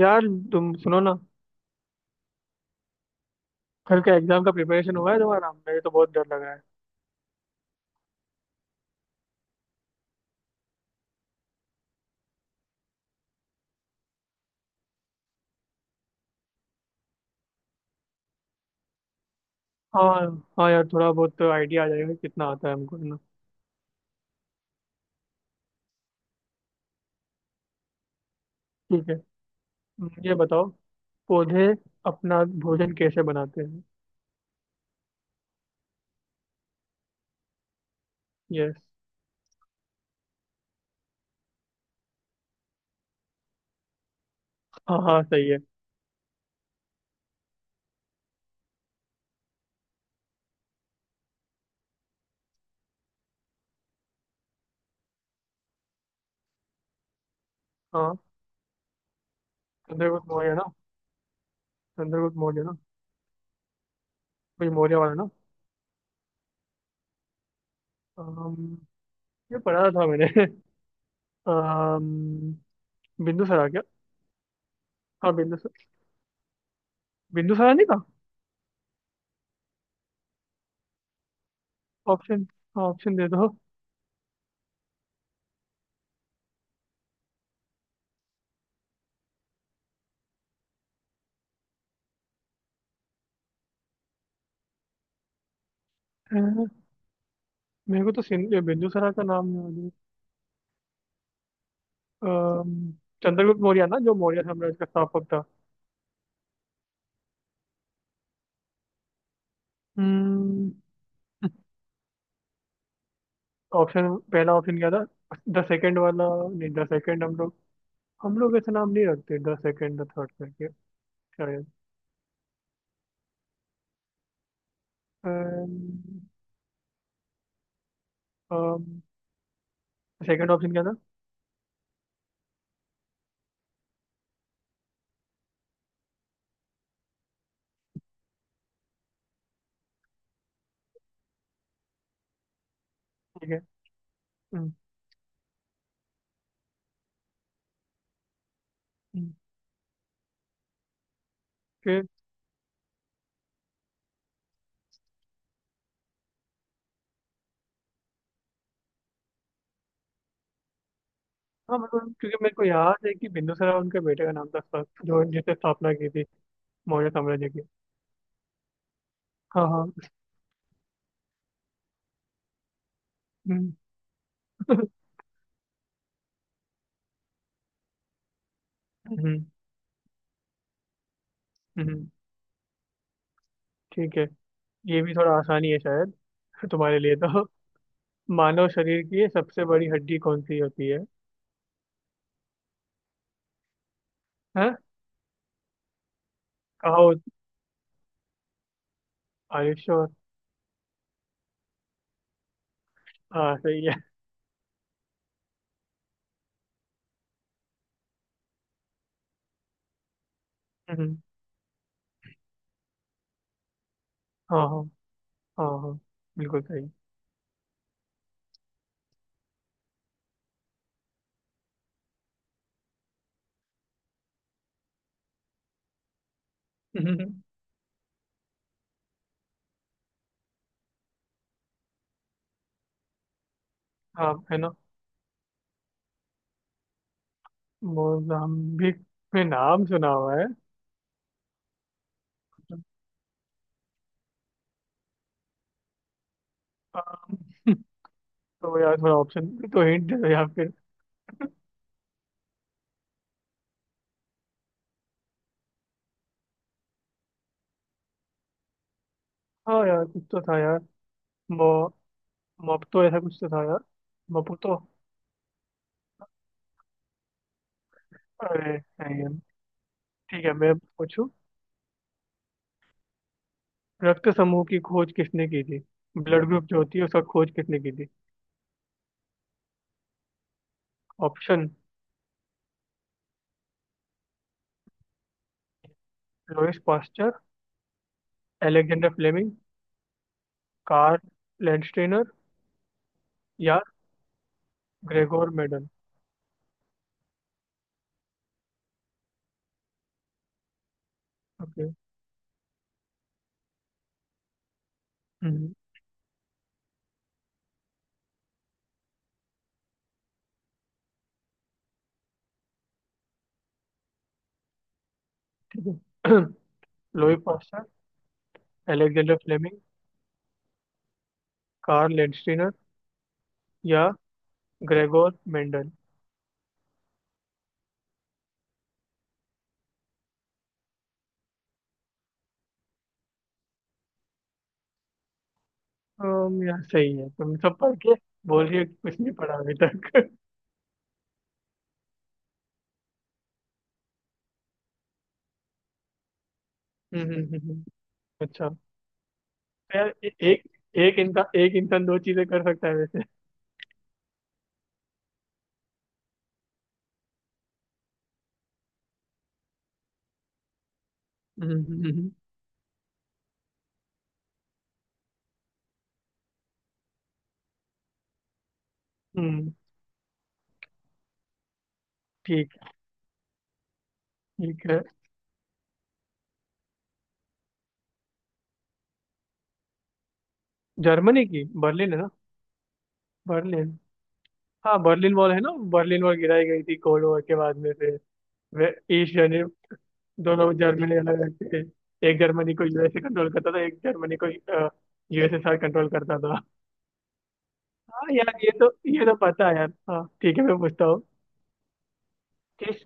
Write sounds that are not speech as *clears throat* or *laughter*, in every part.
यार, तुम सुनो ना। कल का एग्जाम का प्रिपरेशन हुआ है तुम्हारा? मुझे तो बहुत डर लग रहा है। हाँ हाँ यार, थोड़ा बहुत आइडिया आ जाएगा कि कितना आता है हमको, है ना। ठीक है। ये बताओ, पौधे अपना भोजन कैसे बनाते हैं? यस। हाँ हाँ, सही है। हाँ, चंद्रगुप्त मौर्य ना? चंद्रगुप्त मौर्य ना? कोई मौर्य वाला ना। अम, ये पढ़ा था मैंने। *laughs* अम, बिंदुसारा क्या? हाँ, बिंदुसार। बिंदुसारा नहीं था? ऑप्शन? हाँ, ऑप्शन दे दो। *laughs* अ, मेरे को तो बिंदुसारा का नाम याद है। अम्म, चंद्रगुप्त मौर्य ना, जो मौर्य साम्राज्य का स्थापक था। हम्म ऑप्शन। पहला ऑप्शन क्या था? द सेकंड वाला? नहीं, द सेकंड हम लोग ऐसा नाम नहीं रखते, द सेकंड द थर्ड करके, शायद। सेकंड ऑप्शन क्या था? ठीक है। हम्म। हम्म। फिर? हाँ, मतलब क्योंकि मेरे को याद है कि बिंदुसार उनके बेटे का नाम था, सर, जो जिसने स्थापना की थी मौर्य साम्राज्य की। हाँ हाँ। हम्म। *laughs* हम्म। हम्म। ठीक है। ये भी थोड़ा आसानी है शायद तुम्हारे लिए तो। मानव शरीर की सबसे बड़ी हड्डी कौन सी होती है? हाँ। कहा होती? Are you sure? हाँ, सही है। हम्म। हाँ हाँ हाँ हाँ, बिल्कुल सही। हम्म। हाँ, है ना। मोजाम्बिक, में नाम सुना हुआ है। हाँ, तो यार, थोड़ा ऑप्शन तो हिंट दे दो या फिर। हाँ यार, कुछ तो था यार। मो मोपतो ऐसा कुछ तो था यार। मपुतो। अरे, नहीं है। ठीक है, मैं पूछूं। रक्त समूह की खोज किसने की थी? ब्लड ग्रुप जो होती है उसका खोज किसने की थी? Option. Louis Pasteur, Alexander Fleming, Karl Landsteiner या ग्रेगोर मेंडल। ओके। हम्म। ठीक है। *clears throat* लोई Pasteur, Alexander Fleming, Karl Landsteiner या ग्रेगोर मेंडल। यार सही है, तुम सब पढ़ के बोल रही हो कि कुछ नहीं पढ़ा अभी तक। *laughs* हम्म। हम्म। हम्म। हम्म। अच्छा, तो यार एक एक इंसान दो चीजें कर सकता है वैसे। हम्म। हम्म। हम्म। हम्म। ठीक है। ठीक है। जर्मनी की बर्लिन है ना। बर्लिन। हाँ, बर्लिन वॉल है ना। बर्लिन वॉल गिराई गई थी कोल्ड वॉर के बाद में से। वे ईस्ट जर्मनी। दोनों जर्मनी अलग अलग थे। एक जर्मनी को यूएसए कंट्रोल करता था, एक जर्मनी को यूएसएसआर कंट्रोल करता था। हाँ यार, ये तो पता है यार। हाँ, ठीक है, मैं पूछता हूँ। किस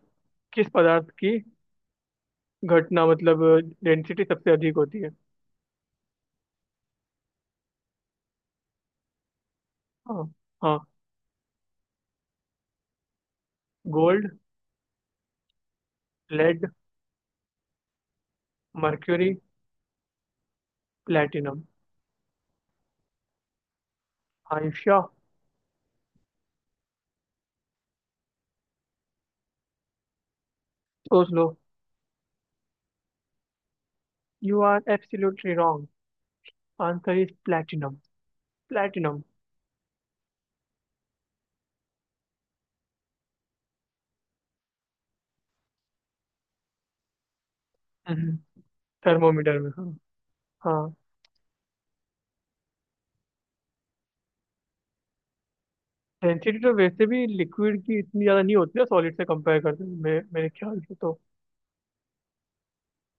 किस पदार्थ की घटना मतलब डेंसिटी सबसे अधिक होती है? हाँ। हाँ। गोल्ड, लेड, मर्क्यूरी, प्लेटिनम, आयुष्या। सोच लो। You are absolutely wrong. Answer is platinum. Platinum. Thermometer में, हाँ। हाँ। डेंसिटी तो वैसे भी लिक्विड की इतनी ज़्यादा नहीं होती है, सॉलिड से कंपेयर करते हैं मेरे मेरे ख्याल से तो।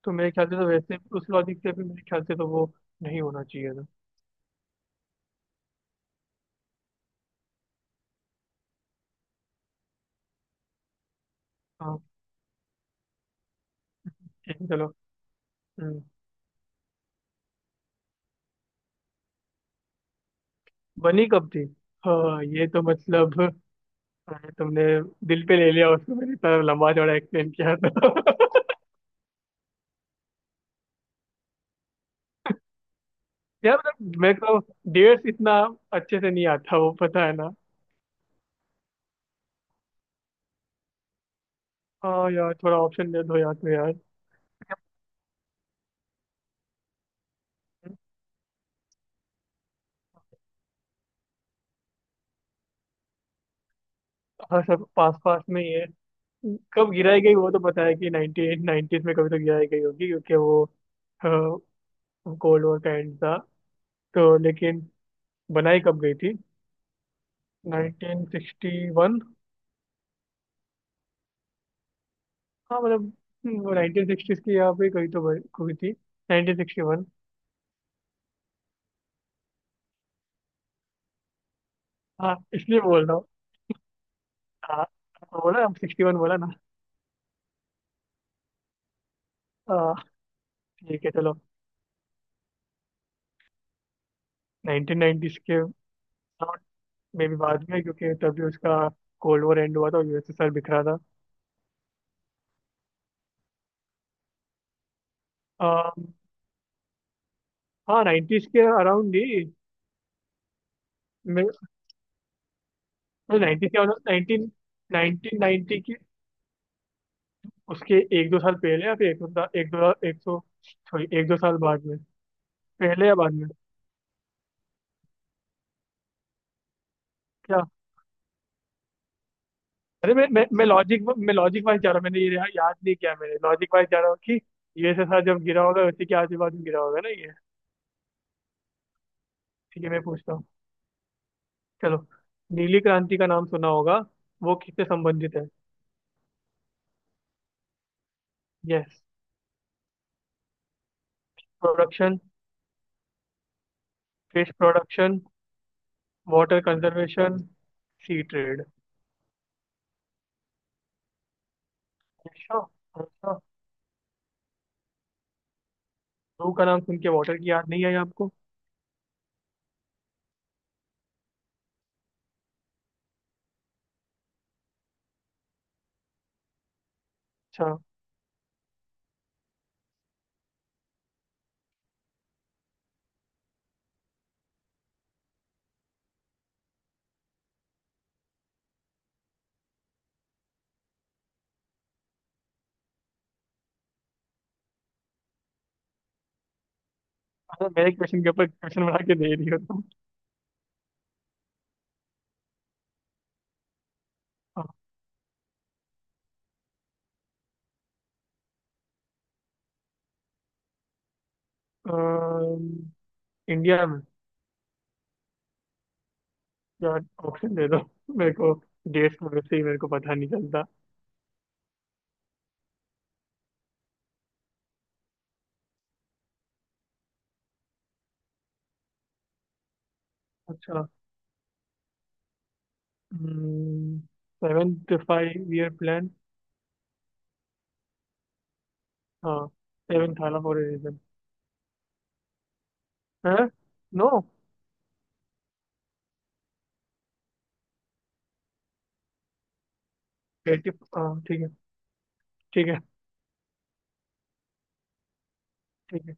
तो मेरे ख्याल से तो, वैसे उस लॉजिक से भी मेरे ख्याल से तो, वो नहीं होना चाहिए था। हाँ, ठीक है, चलो। हम्म। बनी कब थी? हाँ, ये तो मतलब। अरे, तुमने दिल पे ले लिया उसको। मैंने इतना लंबा चौड़ा एक्सप्लेन किया था। *laughs* यार, मतलब मेरे को डेट्स इतना अच्छे से नहीं आता, वो पता है ना। हाँ यार, थोड़ा ऑप्शन दे दो यार, तो यार। हाँ, सब पास पास में ही है। कब गिराई गई वो तो पता है कि 1990s में कभी तो गिराई गई होगी, क्योंकि वो कोल्ड वॉर का एंड था, तो लेकिन बनाई कब गई थी? 1961। हाँ, मतलब वो 1960s की यहाँ पे कहीं तो हुई थी। 1961। हाँ, इसलिए बोल रहा हूँ। हाँ, बोला हम 61 बोला ना। हाँ, ठीक है, चलो। 1990s के में भी बाद में, क्योंकि तभी उसका कोल्ड वॉर एंड हुआ था, यूएसएसआर बिखरा था। आ, हाँ, 90s के अराउंड ही। तो 90 क्या होता? नाइनटीन नाइनटीन नाइनटी की उसके एक दो साल पहले, या फिर एक दो एक दो 100, सॉरी, एक दो साल बाद में। पहले या बाद में? क्या? अरे, मैं लॉजिक वाइज जा रहा हूँ। मैंने याद नहीं किया, मैंने लॉजिक वाइज जा रहा हूँ कि यूएसएसआर जब गिरा होगा उसी के आजू बाजू गिरा होगा ना ये। ठीक है, मैं पूछता हूँ। चलो। नीली क्रांति का नाम सुना होगा। वो किससे संबंधित है? Yes. Production, fish production, water conservation, sea trade. अच्छा, जू का नाम सुन के वाटर की याद नहीं आई आपको? अच्छा। अच्छा, मेरे क्वेश्चन के ऊपर क्वेश्चन बना के दे रही हो तुम? अम, इंडिया में। यार ऑप्शन दे दो मेरे को, डेट्स में वैसे ही मेरे को पता नहीं चलता। अच्छा। Seventh five year plan. हाँ, सेवेंथ आला फॉर ए रीजन। है? नो। 80। हाँ, ठीक है, ठीक है, ठीक है।